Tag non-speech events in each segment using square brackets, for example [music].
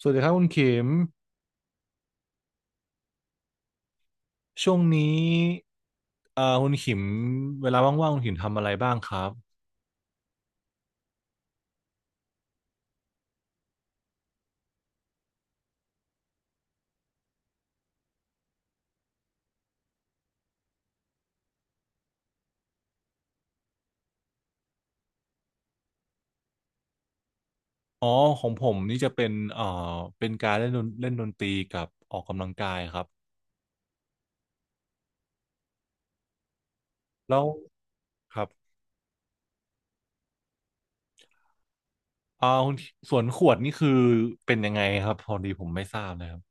สวัสดีครับคุณขิมช่วงนี้คุณขิมเวลาว่างๆคุณขิมทำอะไรบ้างครับอ๋อของผมนี่จะเป็นการเล่นดนตรีกับออกกำลังกายครับแล้วครับเอ่าคุณสวนขวดนี่คือเป็นยังไงครับพอดีผมไม่ทราบเลยครับ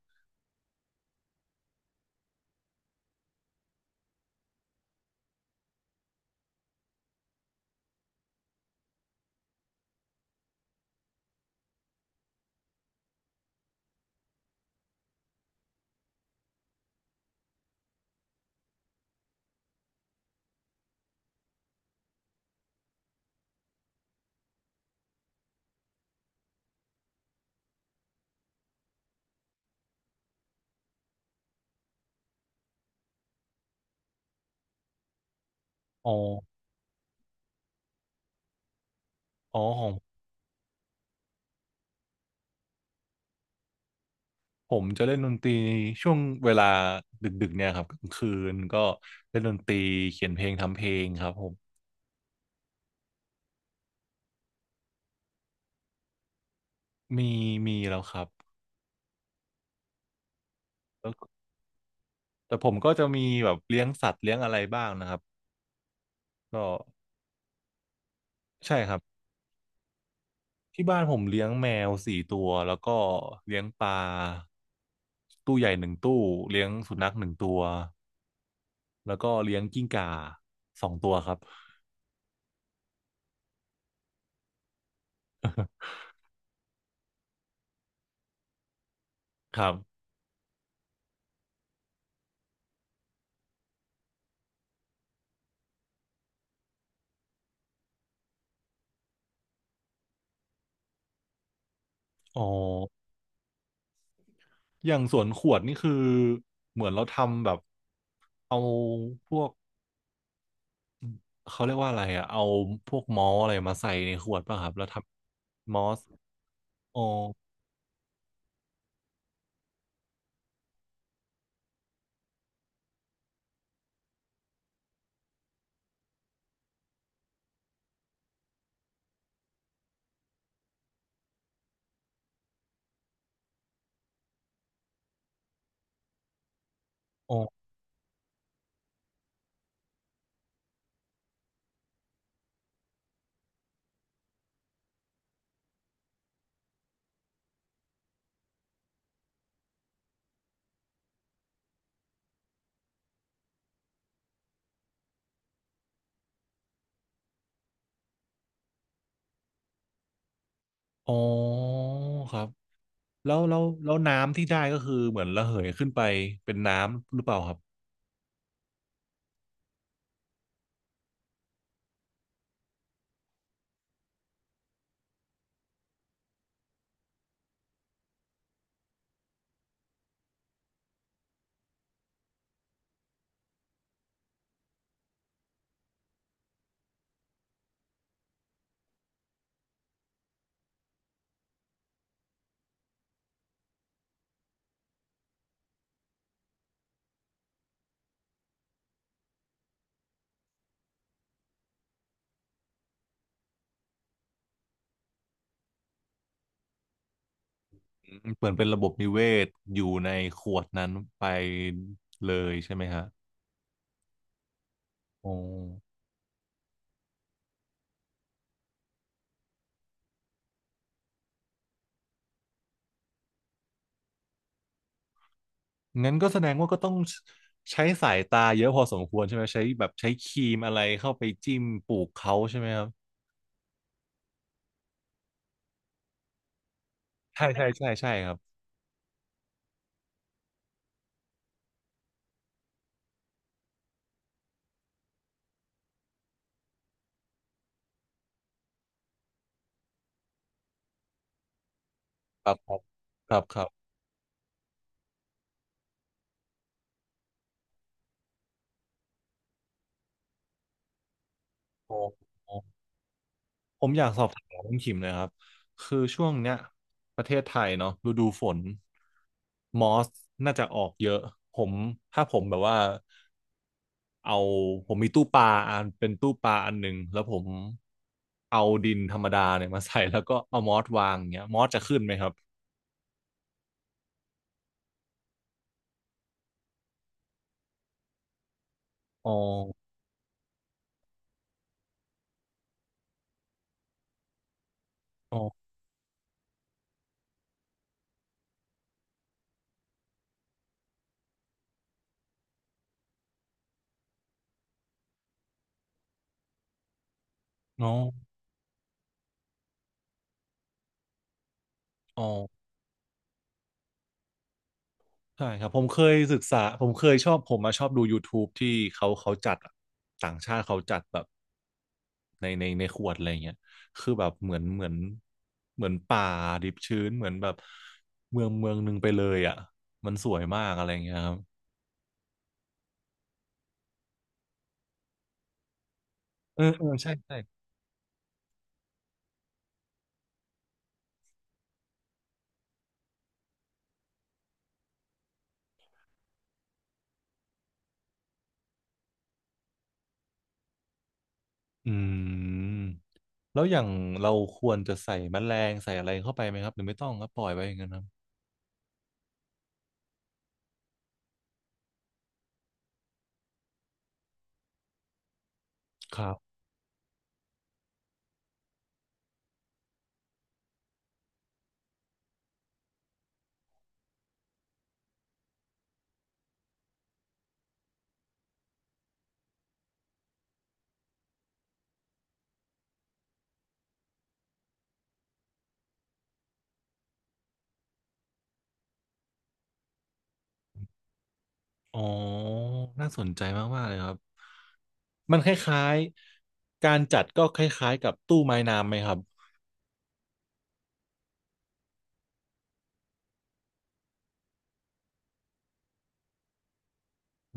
อ๋ออ๋อของผมจะเล่นดนตรีช่วงเวลาดึกๆเนี่ยครับกลางคืนก็เล่นดนตรีเขียนเพลงทำเพลงครับผมมีมีแล้วครับ แต่ผมก็จะมีแบบเลี้ยงสัตว์เลี้ยงอะไรบ้างนะครับก็ใช่ครับที่บ้านผมเลี้ยงแมว4 ตัวแล้วก็เลี้ยงปลาตู้ใหญ่1 ตู้เลี้ยงสุนัข1 ตัวแล้วก็เลี้ยงกิ้งก่า2 ตัวครับครับอ๋ออย่างสวนขวดนี่คือเหมือนเราทำแบบเอาพวกเขาเรียกว่าอะไรอะเอาพวกมอลอะไรมาใส่ในขวดป่ะครับแล้วทำมอสอ๋ออ๋ออ๋อครับ แล้วน้ำที่ได้ก็คือเหมือนระเหยขึ้นไปเป็นน้ำหรือเปล่าครับอืมเหมือนเป็นระบบนิเวศอยู่ในขวดนั้นไปเลยใช่ไหมฮะโอ้งั้นก็แสดงว่าก็ต้องใช้สายตาเยอะพอสมควรใช่ไหมใช้แบบใช้ครีมอะไรเข้าไปจิ้มปลูกเขาใช่ไหมครับใช่ใช่ใช่ใช่ครับครับครับครับครับโอ้โห ผมอยากสอบถามคุณขิมหนะครับคือช่วงเนี้ยประเทศไทยเนาะฤดูฝนมอสน่าจะออกเยอะผมถ้าผมแบบว่าเอาผมมีตู้ปลาอันเป็นตู้ปลาอันหนึ่งแล้วผมเอาดินธรรมดาเนี่ยมาใส่แล้วก็เอามอสวางเงี้ยมอสจะขึ้นไหมครับอ๋ออ๋ออ๋ออ๋อ ใช่ครับผมเคยศึกษาผมมาชอบดู YouTube ที่เขาจัดอะต่างชาติเขาจัดแบบในขวดอะไรเงี้ยคือแบบเหมือนป่าดิบชื้นเหมือนแบบเมืองเมืองหนึ่งไปเลยอ่ะมันสวยมากอะไรเงี้ยครับเออเออใช่ใช่อืมแล้วอย่างเราควรจะใส่แมลงใส่อะไรเข้าไปไหมครับหรือไม่ต้องครับปล่อยไว้อย่างนั้นครับครับอ๋อน่าสนใจมากๆเลยครับ มันคล้ายๆการจัดก็คล้ายๆกับตู้ไม้น้ำไหมครับ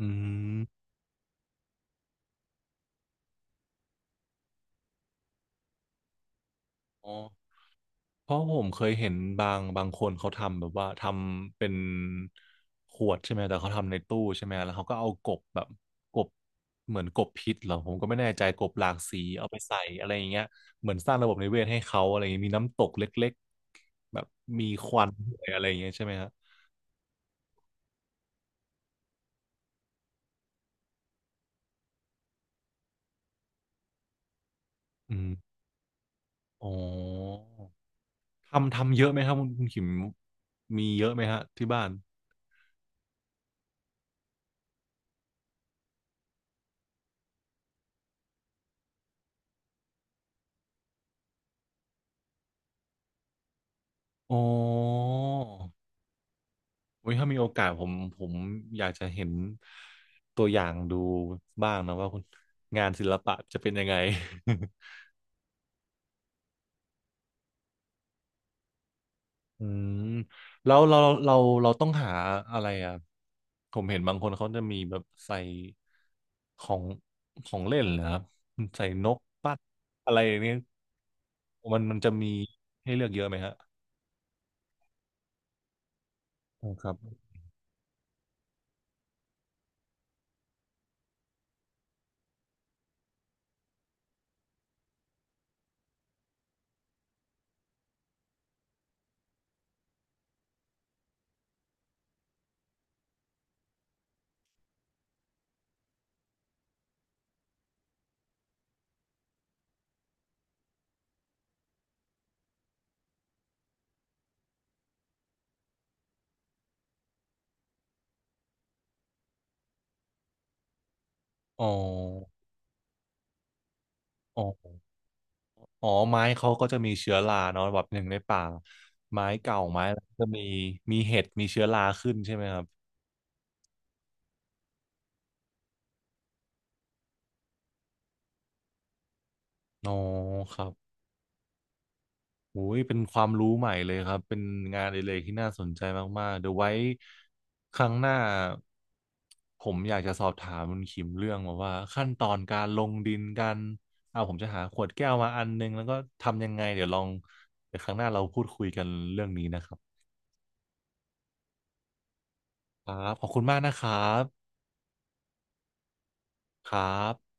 อืมอ๋อเพราะผมเคยเห็นบางคนเขาทำแบบว่าทำเป็นขวดใช่ไหมแต่เขาทำในตู้ใช่ไหมแล้วเขาก็เอากบแบบกบเหมือนกบพิษเหรอผมก็ไม่แน่ใจกบหลากสีเอาไปใส่อะไรอย่างเงี้ยเหมือนสร้างระบบนิเวศให้เขาอะไรอย่างเงี้ยมีน้ำตกเล็กๆแบบมีควันด้วยอะไรอย่างเงี้ยใช่ไหมครับอืมอ๋อทำเยอะไหมครับคุณขิมมีเยอะไหมฮะที่บ้าน อ๋อโอุยถ้ามีโอกาสผมอยากจะเห็นตัวอย่างดูบ้างนะว่าคุณงานศิลปะจะเป็นยังไง [laughs] อืมแล้วเราเราต้องหาอะไรอ่ะผมเห็นบางคนเขาจะมีแบบใส่ของของเล่นนะครับใส่นกปัดอะไรอย่างเนี้ยมันจะมีให้เลือกเยอะไหมฮะอ๋อครับอ๋ออ๋อ อ๋อไม้เขาก็จะมีเชื้อราเนาะแบบหนึ่งในป่าไม้เก่าไม้อะไรก็มีมีเห็ดมีเชื้อราขึ้นใช่ไหมครับอ๋อครับโอ้ยเป็นความรู้ใหม่เลยครับเป็นงานอดิเรกที่น่าสนใจมากๆเดี๋ยวไว้ครั้งหน้าผมอยากจะสอบถามคุณคิมเรื่องแบบว่าขั้นตอนการลงดินกันเอาผมจะหาขวดแก้วมาอันนึงแล้วก็ทำยังไงเดี๋ยวครั้งหน้าเราพูดคุยกันเรื่องนี้นะครับครับขอบคุณมากนะครับครับ